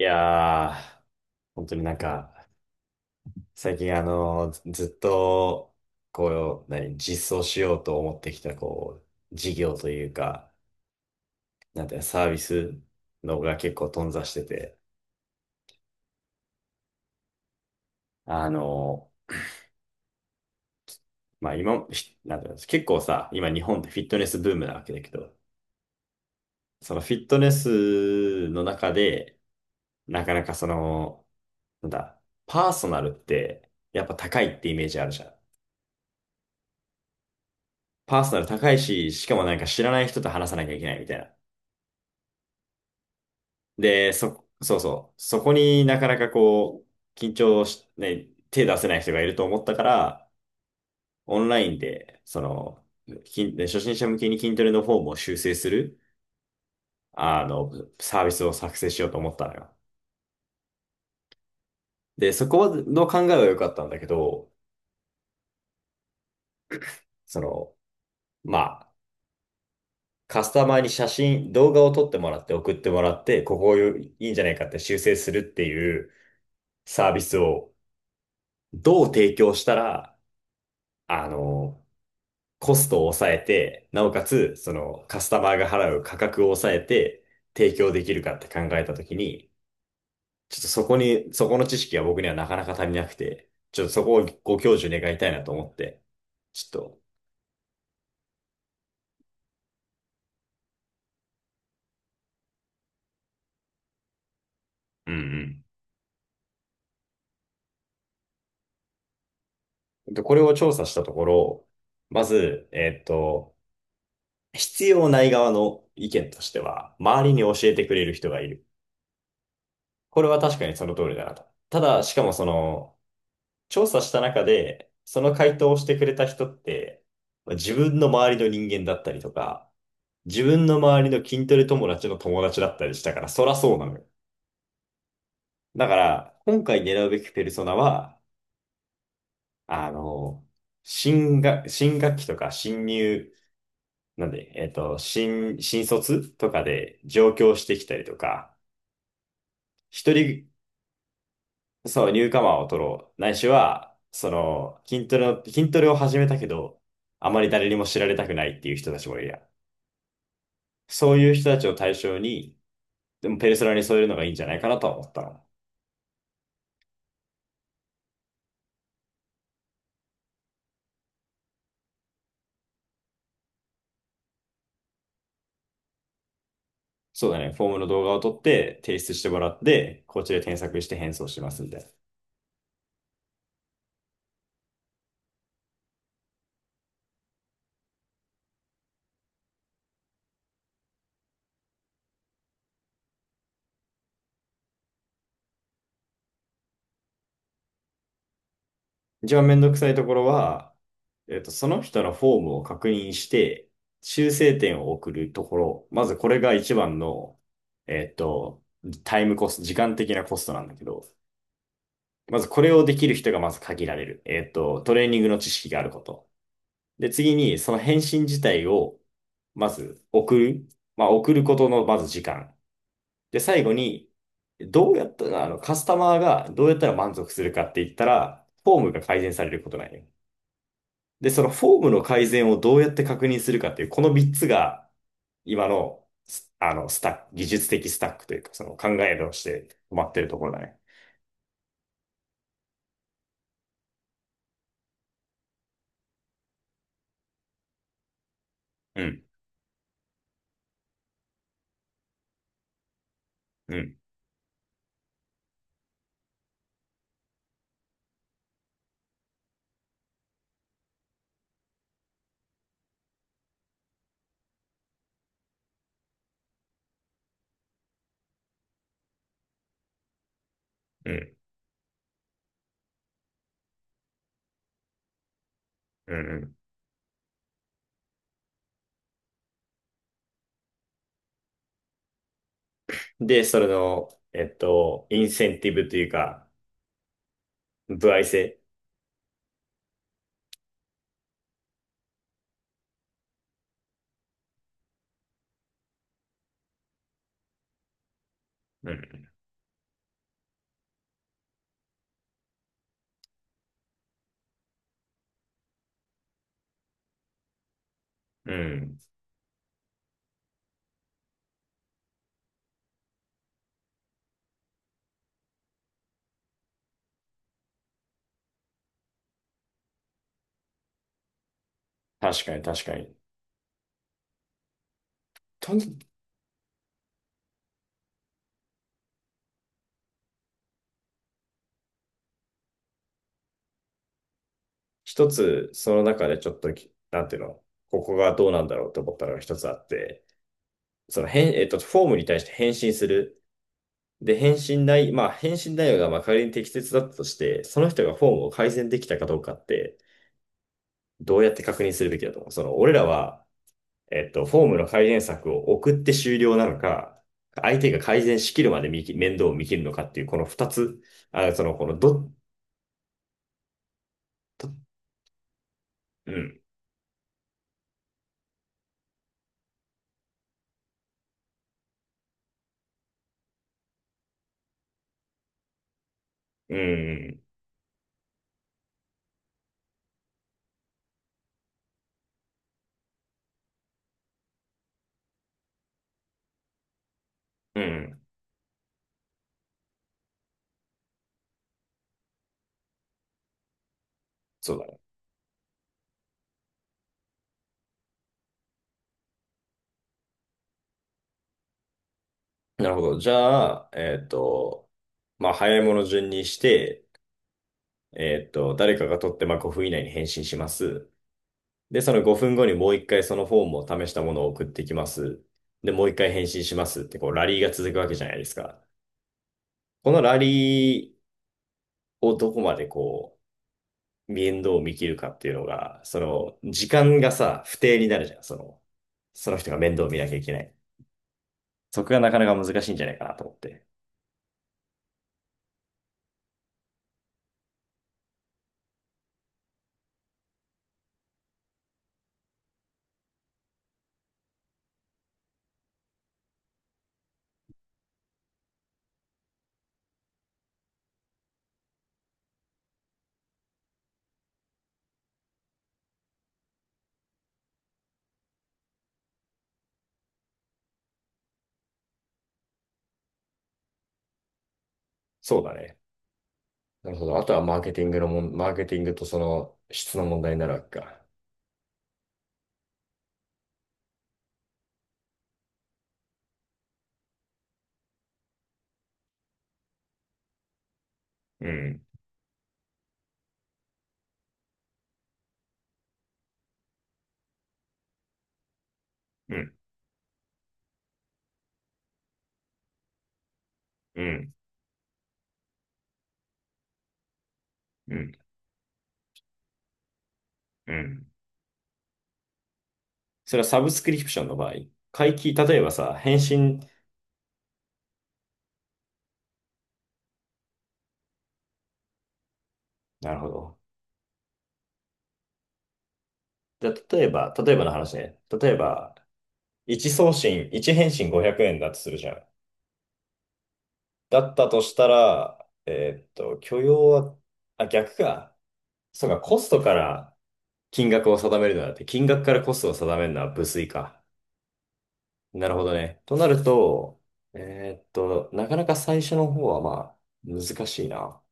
いやー、本当に最近ずずっと、実装しようと思ってきた、事業というか、なんていうのサービスのが結構頓挫してて、あの、まあ今、ひなんていうの結構さ、今日本ってフィットネスブームなわけだけど、そのフィットネスの中で、なかなかその、なんだ、パーソナルって、やっぱ高いってイメージあるじゃん。パーソナル高いし、しかもなんか知らない人と話さなきゃいけないみたいな。で、そうそう。そこになかなかこう、緊張し、ね、手出せない人がいると思ったから、オンラインで、初心者向けに筋トレのフォームを修正する、あの、サービスを作成しようと思ったのよ。で、そこの考えは良かったんだけど、その、まあ、カスタマーに写真、動画を撮ってもらって送ってもらって、ここをいいんじゃないかって修正するっていうサービスをどう提供したら、あの、コストを抑えて、なおかつ、そのカスタマーが払う価格を抑えて提供できるかって考えたときに、ちょっとそこの知識は僕にはなかなか足りなくて、ちょっとそこをご教授願いたいなと思って、ちょっと、うんうん。で、これを調査したところ、まず、必要ない側の意見としては、周りに教えてくれる人がいる。これは確かにその通りだなと。ただ、しかもその、調査した中で、その回答をしてくれた人って、まあ自分の周りの人間だったりとか、自分の周りの筋トレ友達の友達だったりしたから、そらそうなのよ。だから、今回狙うべきペルソナは、あの、新学期とか新入、なんで、えっと、新、新卒とかで上京してきたりとか、一人そう、ニューカマーを取ろう。ないしは、その、筋トレを始めたけど、あまり誰にも知られたくないっていう人たちもいるやん。そういう人たちを対象に、でもペルソナに添えるのがいいんじゃないかなとは思ったの。そうだね、フォームの動画を撮って提出してもらって、こっちで添削して返送しますんで。一番めんどくさいところは、その人のフォームを確認して、修正点を送るところ、まずこれが一番の、えっと、タイムコスト、時間的なコストなんだけど、まずこれをできる人がまず限られる。えっと、トレーニングの知識があること。で、次に、その返信自体を、まず送る。まあ、送ることのまず時間。で、最後に、どうやったら、カスタマーがどうやったら満足するかって言ったら、フォームが改善されることなんよ。で、そのフォームの改善をどうやって確認するかっていう、この3つが、今の、すあの、スタック、技術的スタックというか、その考えとして止まってるところだね。うん、うん、うん、うん、うん。で、それの、インセンティブというか、歩合制。うん。うん。確かに、確かに。とに、一つ、その中でちょっとき、なんていうの、ここがどうなんだろうと思ったのが一つあって、その変、えっと、フォームに対して返信する。で、返信内容がまあ仮に適切だったとして、その人がフォームを改善できたかどうかって、どうやって確認するべきだと思う。その、俺らは、フォームの改善策を送って終了なのか、相手が改善しきるまで面倒を見切るのかっていう、この二つ、あ、その、このど、どうん、うん、うん、そうだね。なるほど。じゃあ、まあ、早いもの順にして、誰かが取って、まあ、5分以内に返信します。で、その5分後にもう一回そのフォームを試したものを送ってきます。で、もう一回返信しますって、こう、ラリーが続くわけじゃないですか。このラリーをどこまでこう、面倒を見切るかっていうのが、その、時間がさ、不定になるじゃん。その、その人が面倒を見なきゃいけない。そこがなかなか難しいんじゃないかなと思って。そうだね。なるほど。あとはマーケティングのもん、マーケティングとその質の問題になるわけか。うん、うん、うん、うん、うん。それはサブスクリプションの場合、会期、例えばさ、返信、なるほど。じゃあ、例えば、例えばの話ね。例えば、1送信、1返信500円だとするじゃん。だったとしたら、えーっと、許容は、あ、逆か。そうか、コストから金額を定めるのだって、金額からコストを定めるのは無粋か。なるほどね。となると、えーっと、なかなか最初の方はまあ、難しいな。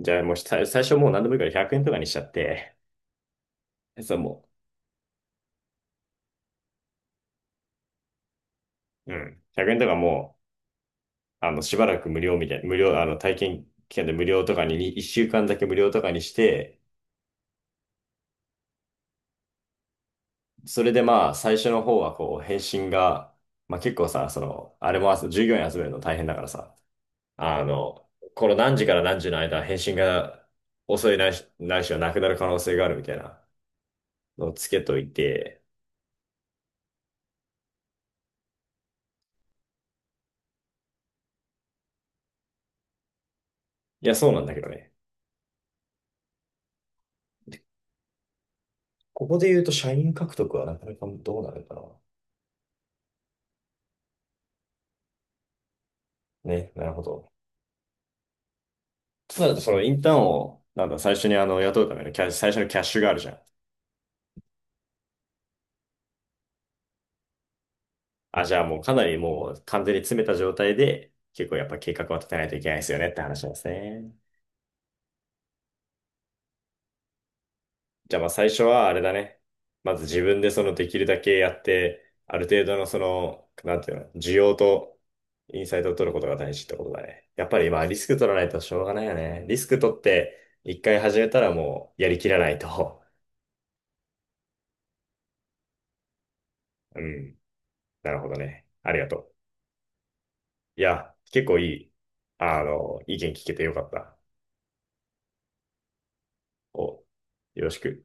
じゃあもう最初もう何でもいいから100円とかにしちゃって、そうもう、うん、100円とかもう、しばらく無料みたいな、無料、あの、体験期間で無料とかに、1週間だけ無料とかにして、それでまあ、最初の方はこう、返信が、まあ結構さ、その、あれも集従業員集めるの大変だからさ、あの、この何時から何時の間、返信が遅いないし、ないしはなくなる可能性があるみたいなのをつけといて、いや、そうなんだけどね。ここで言うと、社員獲得はなかなかどうなるかな。ね、なるほど。ただ、そのインターンを、なんだ、最初に雇うためのキャッシュ、最初のキャッシュがあるじゃん。あ、じゃあもうかなりもう完全に詰めた状態で、結構やっぱ計画は立てないといけないですよねって話なんですね。じゃあまあ最初はあれだね。まず自分でそのできるだけやって、ある程度のその、なんていうの、需要とインサイトを取ることが大事ってことだね。やっぱり今リスク取らないとしょうがないよね。リスク取って一回始めたらもうやりきらないと。うん。なるほどね。ありがとう。いや、結構いい、意見聞けてよかった。お、よろしく。